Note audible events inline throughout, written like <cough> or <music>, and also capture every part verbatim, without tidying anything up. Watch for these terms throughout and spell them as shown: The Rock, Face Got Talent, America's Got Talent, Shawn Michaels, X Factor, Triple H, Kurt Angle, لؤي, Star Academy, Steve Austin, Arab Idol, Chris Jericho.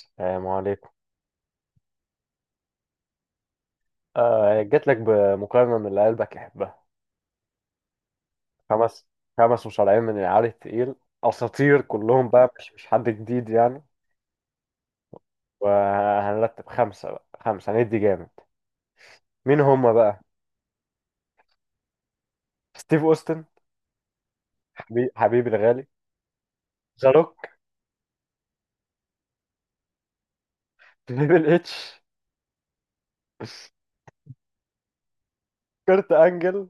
السلام عليكم. آه جات لك بمقارنة من اللي قلبك يحبها. خمس، خمس مصارعين من العيار التقيل، أساطير كلهم بقى، مش مش حد جديد يعني. وهنرتب خمسة بقى، خمسة هندي جامد. مين هم بقى؟ ستيف أوستن حبيب حبيبي الغالي، ذا روك، تريبل اتش، كرت أنجل،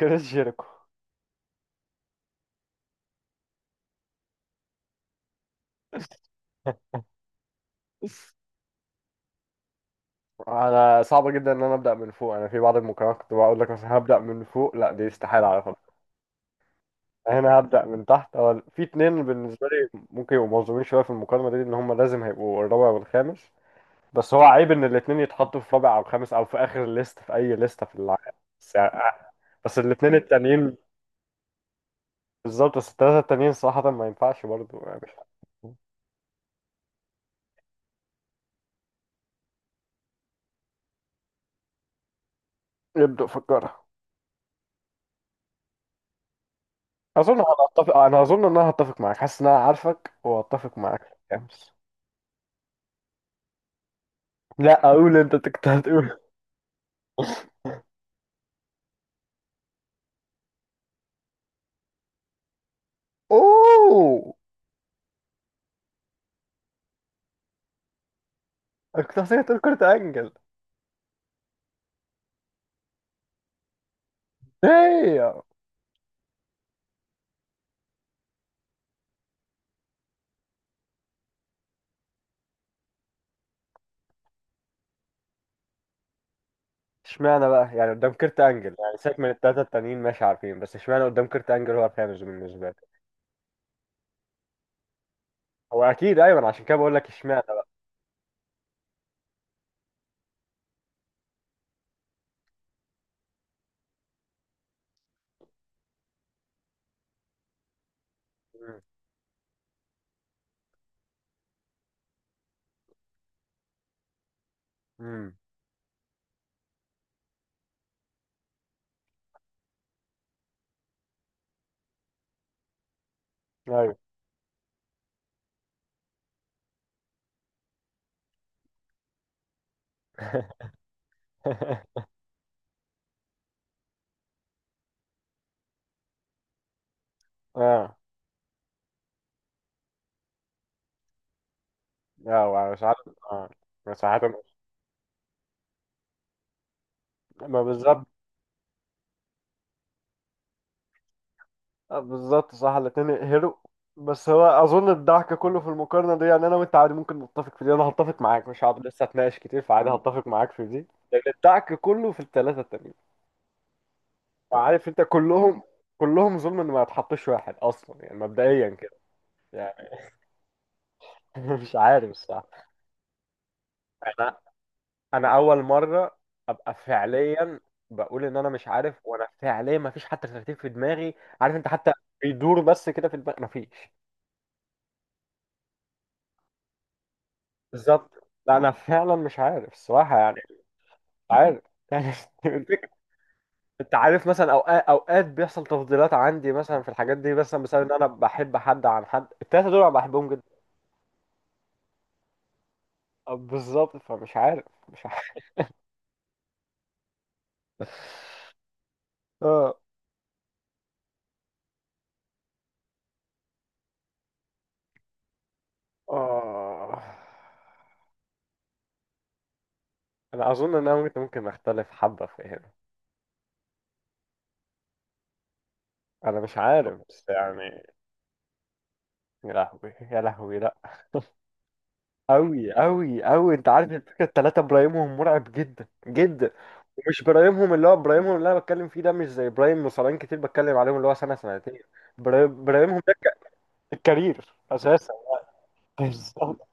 كريس جيريكو. <laughs> انا صعب جدا ان انا ابدا من فوق. انا في بعض المقارنات كنت بقول لك مثلا هبدا من فوق، لا دي استحاله اعرف. هنا هبدأ من تحت. هو في اتنين بالنسبة لي ممكن يبقوا مظلومين شوية في المقارنة دي، إن هم لازم هيبقوا الرابع والخامس. بس هو عيب إن الاتنين يتحطوا في رابع أو خامس أو في آخر الليست، في أي ليستة في العالم. بس، يعني- آه، بس الاتنين التانيين. بالظبط. بس التلاتة التانيين صراحة ما ينفعش برضه، يعني مش عارف. يبدأ فكرها. أظن هنتفق، أنا أظن إن أنا هتفق معاك، حاسس إن أنا عارفك وهتفق معاك في الخامس. لا أقول أنت، كنت هتقول. <laughs> أوه. كنت هتقول كرة أنجل. ايه؟ اشمعنى بقى، يعني قدام كيرت انجل يعني، سيبك من التلاتة التانيين ماشي عارفين، بس اشمعنى قدام كيرت انجل هو الخامس بالنسبة لك؟ هو اكيد ايوه، أنا عشان كده بقول لك اشمعنى. مم. مم. ايوه. <laughs> اه، اه مساحات. اه مساحات. ما بالظبط. آه، بالظبط صح، الاتنين يقهروا. بس هو اظن الضحك كله في المقارنة دي، يعني انا وانت عادي ممكن نتفق في دي، انا هتفق معاك مش هقعد لسه اتناقش كتير، فعادي هتفق معاك في دي. لان الضحك كله في التلاتة التانيين. عارف انت كلهم، كلهم ظلم ان ما يتحطش واحد اصلا يعني، مبدئيا كده. يعني، <laughs> مش عارف صح. انا انا اول مره ابقى فعليا بقول ان انا مش عارف، وانا فعليا ما فيش حتى ترتيب في دماغي. عارف انت حتى، بيدور بس كده في دماغي ما فيش. بالظبط. لا انا فعلا مش عارف الصراحه يعني. مش عارف يعني. <laughs> انت عارف مثلا، اوقات اوقات بيحصل تفضيلات عندي مثلا في الحاجات دي، مثلا بسبب ان انا بحب حد عن حد. التلاته دول انا بحبهم جدا. بالظبط، فمش عارف مش. آه. آه. أنا أظن إن أنا ممكن ممكن أختلف حبة في هنا. أنا مش عارف، بس يعني، يا لهوي يا لهوي لأ. أوي أوي أوي، أنت عارف الفكرة، التلاتة برايمهم مرعب جدا جدا. ومش برايمهم، اللي هو برايمهم اللي أنا بتكلم فيه ده مش زي برايم مصارعين كتير بتكلم عليهم، اللي هو سنة سنتين. برايم برايمهم ده الكارير أساسا. <laughs> بالظبط.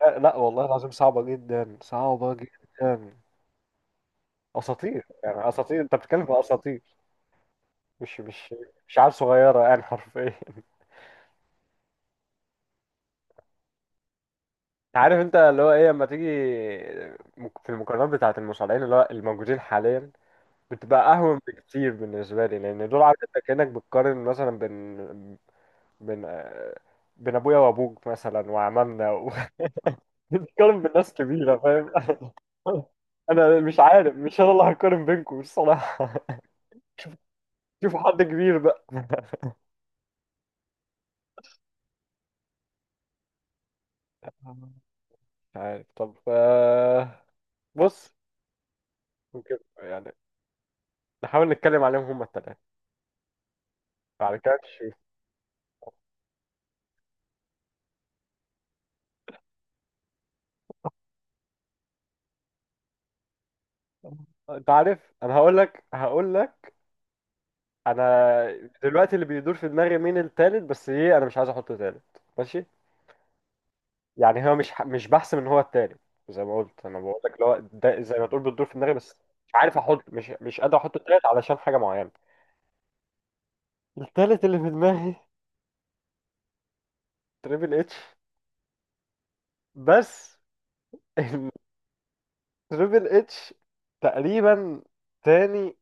لا لا، والله العظيم صعبة جدا صعبة جدا. أساطير يعني، أساطير، أنت بتتكلم في أساطير، مش مش مش عيال صغيرة يعني حرفيا. <laughs> انت عارف انت اللي هو ايه لما تيجي، مك- في المقارنات بتاعة المصارعين اللي هو الموجودين حاليا، بتبقى أهون بكتير بالنسبة لي، لأن دول عارف انت كأنك بتقارن مثلا بين، بين آه، بين أبويا وأبوك مثلا وعمامنا و- <laughs> بتقارن بالناس كبيرة، فاهم؟ <laughs> أنا مش عارف، مش أنا اللي هقارن بينكم الصراحة. <laughs> شوفوا حد كبير بقى. <laughs> مش عارف طب، آه، بص. ممكن يعني نحاول نتكلم عليهم هما التلاتة على كاتش. انت عارف، انا هقول لك هقول لك انا دلوقتي اللي بيدور في دماغي مين التالت، بس ايه انا مش عايز احطه تالت. ماشي. يعني هو مش ح- مش بحسم ان هو التالت، زي ما قلت انا بقول لك اللي هو ده، زي ما تقول بتدور في دماغي بس. مش عارف احط، مش مش قادر احطه تالت علشان حاجه معينه. التالت اللي في دماغي تريبل اتش. بس. <laughs> تريبل اتش تقريبا تاني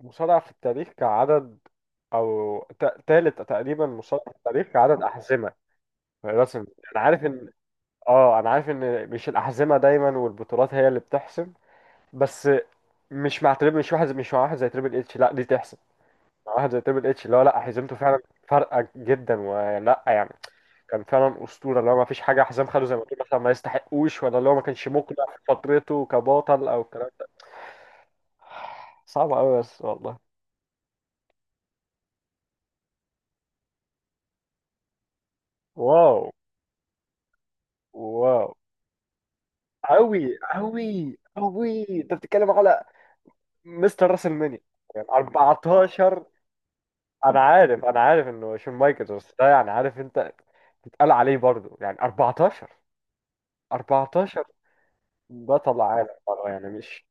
مصارع في التاريخ كعدد، او تا- تالت تقريبا مصارع في التاريخ كعدد احزمه رسم. انا عارف ان، اه انا عارف ان مش الاحزمه دايما والبطولات هي اللي بتحسم، بس مش مع تريبل مش واحد مش مع واحد زي تريبل اتش لا دي تحسم. مع واحد زي تريبل اتش اللي هو لا، حزمته فعلا فارقه جدا ولا يعني كان فعلا اسطوره، اللي هو ما فيش حاجه حزام خده زي ما تقول مثلا ما يستحقوش، ولا اللي هو ما كانش مقنع في فترته كبطل او الكلام ده. صعب قوي بس والله. واو. واو. قوي قوي قوي. انت بتتكلم على مستر راس المنيا، يعني اربعتاشر. انا عارف، انا عارف انه شون مايكلز، بس ده يعني عارف انت، بيتقال عليه برضه يعني بطل اربعتاشر بطل عالم برضه، يعني مش.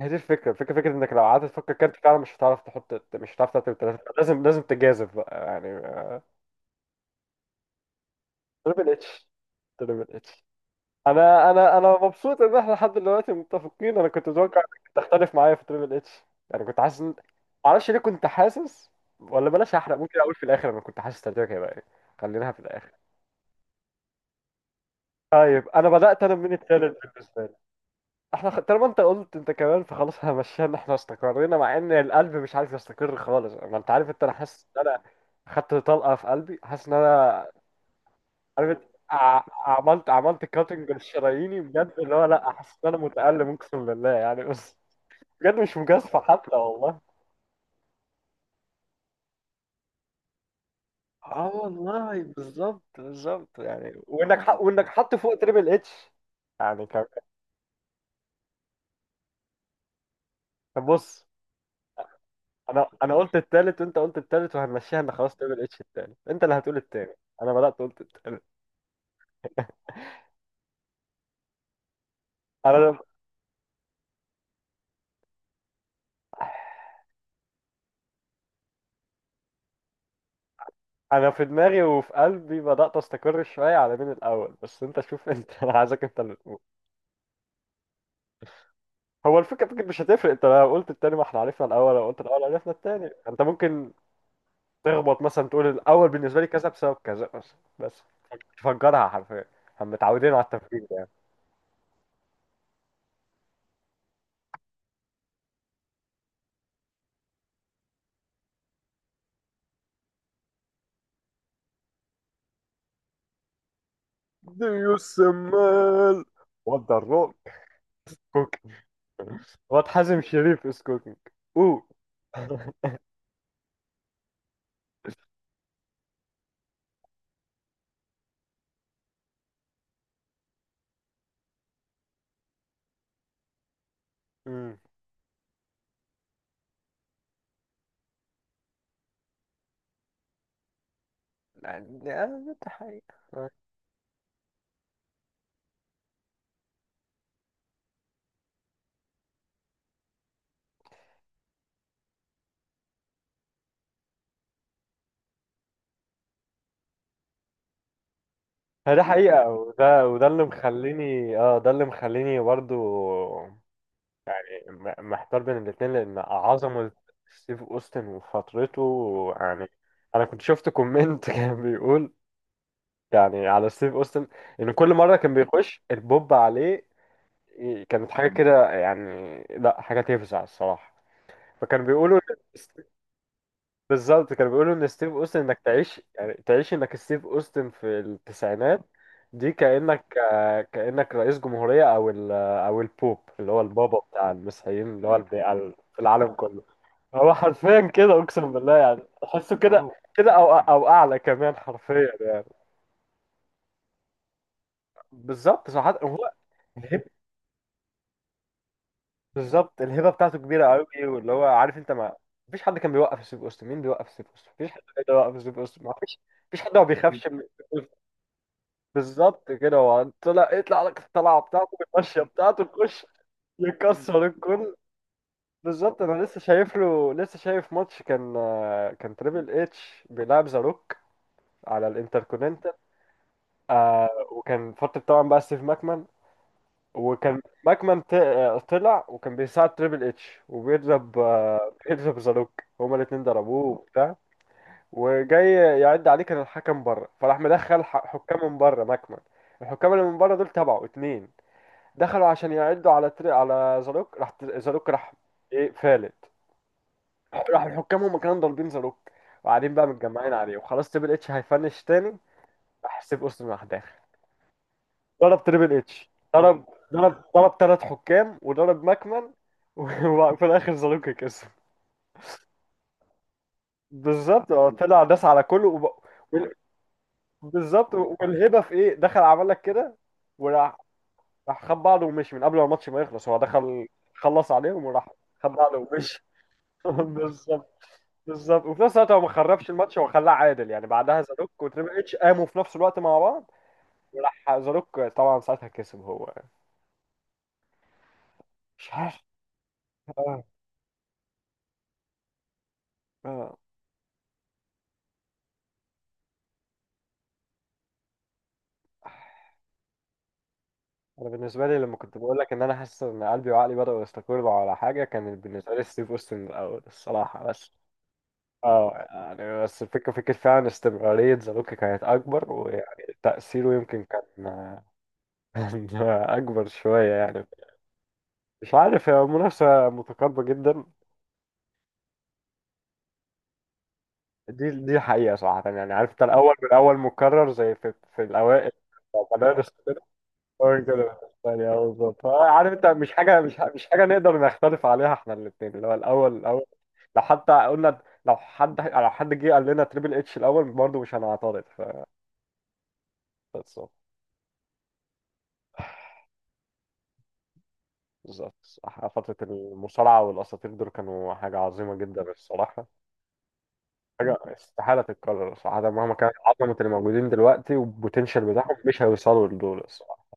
هي دي الفكره، الفكره فكره انك لو قعدت تفكر كارت فعلا مش هتعرف تحط، مش هتعرف ترتب التلاته، لازم لازم تجازف بقى يعني. تريبل اتش. تريبل اتش. انا انا انا مبسوط ان احنا لحد دلوقتي متفقين، انا كنت متوقع انك تختلف معايا في تريبل اتش. يعني كنت حاسس إن- معرفش ليه كنت حاسس، ولا بلاش احرق، ممكن اقول في الاخر انا كنت حاسس ترتيبك هيبقى ايه. خليناها في الاخر. طيب انا بدات انا من التالت بالنسبه لي. احنا خ- طالما انت قلت انت كمان فخلاص احنا مشينا، احنا استقرينا، مع ان القلب مش عارف يستقر خالص، ما انت عارف انت، انا حاسس ان انا خدت طلقه في قلبي، حاسس ان انا عارف إنت، ع- عملت، عملت كاتنج لشراييني بجد، اللي هو لا حاسس ان انا متالم اقسم بالله يعني، بس بجد مش مجازفه حتى والله. اه والله بالظبط بالظبط، يعني وانك ح... وانك حط فوق تريبل اتش يعني كان. طب بص. انا انا قلت التالت، وانت قلت التالت، وهنمشيها ان خلاص تعمل اتش التاني، انت اللي هتقول التاني. انا بدأت قلت التالت. انا، انا في دماغي وفي قلبي بدأت استقر شوية على مين الاول، بس انت شوف انت، <laughs> انا عايزك انت اللي تقول. هو الفكرة، فكرة مش هتفرق، انت لو قلت التاني ما احنا عرفنا الاول، لو قلت الاول عرفنا التاني. انت ممكن تخبط مثلا، تقول الاول بالنسبة لي كذا بسبب كذا، بس بس تفجرها حرفيا، هم متعودين على التفكير ده يعني. ديوس السمال. وات ذا روك؟ واد حازم شريف از كوكينج. اوه. مم. يعني آه، ده حقيقة آه. ده حقيقة، وده وده اللي مخليني اه، ده اللي مخليني برضو م- محتار بين الاتنين، لأن عظمة ستيف أوستن وفترته يعني. أنا كنت شفت كومنت <laughs> كان بيقول، يعني على ستيف أوستن، إن كل مرة كان بيخش البوب عليه كانت حاجة كده يعني، لا حاجة تفزع الصراحة. فكان بيقولوا، بالظبط كانوا بيقولوا ان ستيف اوستن، انك تعيش يعني تعيش انك ستيف اوستن في التسعينات، دي كانك آه، كانك رئيس جمهوريه، او ال، او البوب اللي هو البابا بتاع المسيحيين، اللي هو الب- ال- في العالم كله. هو حرفيا كده اقسم بالله، يعني تحسه كده اه كده، او او اعلى كمان حرفيا. بالظبط صح. هو الهب، بالظبط الهبه بتاعته كبيره قوي، واللي هو عارف انت ما، مفيش حد كان بيوقف ستيف اوستن، مين بيوقف ستيف اوستن؟ مفيش حد كان بيوقف ستيف اوستن، مفيش. مفيش حد ما بيخافش من. بالظبط كده، هو طلع يطلع لك الطلعه بتاعته بالمشيه بتاعته يخش يكسر الكل. بالظبط. انا لسه شايف له، لسه شايف ماتش كان، كان تريبل اتش بيلعب ذا روك على الانتركوننتال. آه، وكان فتره طبعا بقى ستيف ماكمان، وكان ماكمان ت- آه، طلع وكان بيساعد تريبل اتش وبيضرب آه بيضرب ذا روك، هما الاتنين ضربوه وبتاع، وجاي يعد عليه كان الحكم بره، فراح مدخل ح- حكام من بره ماكمان. الحكام اللي من بره دول تبعه، اتنين دخلوا عشان يعدوا على تري على زاروك. راح زاروك راح، ايه فالت. راح الحكام هم كانوا ضاربين زاروك وقاعدين بقى متجمعين عليه، وخلاص تريبل اتش هيفنش تاني. راح سيب اوستن راح داخل، ضرب تريبل اتش، ضرب ضرب ضرب ثلاث حكام وضرب ماكمان و- <laughs> وفي الاخر زاروك كسب. بالظبط اه، طلع داس على كله وب... وال- بالظبط، والهبه في ايه، دخل عمل لك كده وراح، راح خد بعضه ومشي من قبل ما الماتش ما يخلص، هو دخل خلص عليهم وراح. خد بعضه ومشي. <laughs> بالظبط. بالظبط، وفي نفس الوقت هو ما خربش الماتش، هو خلاه عادل يعني، بعدها زاروك وتريبل اتش قاموا في نفس الوقت مع بعض، وراح زاروك طبعا ساعتها كسب هو. مش عارف. اه، اه انا بالنسبه لي لما كنت بقول لك ان انا حاسس ان قلبي وعقلي بداوا يستقروا على حاجه، كان بالنسبه لي ستيف اوستن الاول الصراحه، بس اه يعني، بس الفكره، فكره فعلا استمراريه زاروك كانت اكبر، ويعني تاثيره يمكن كان، <laughs> كان اكبر شويه يعني. مش عارف، هي منافسه متقاربه جدا. دي دي حقيقة صراحة، يعني عارف انت الأول بالأول، مكرر زي في، في الأوائل، مدارس كده. أول كده، الثانية أهو، بالظبط. آه، عارف انت مش حاجة، مش مش حاجة نقدر نختلف عليها احنا الاتنين، اللي هو الأول الأول. لو حتى قلنا، لو حد، لو حد جه قال لنا تريبل اتش الأول برضه مش هنعترض، ف بالظبط. بالظبط. صح. فترة المصارعة والأساطير دول كانوا حاجة عظيمة جدا الصراحة. حاجة استحالة تتكرر صراحة، مهما كانت عظمة الموجودين دلوقتي والبوتنشال بتاعهم، مش هيوصلوا لدول الصراحة.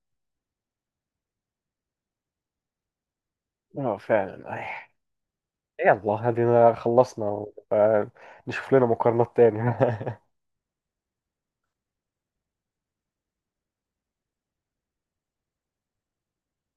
اه فعلا أي. يلا هدينا خلصنا. آه، نشوف لنا مقارنات تانية. <laughs>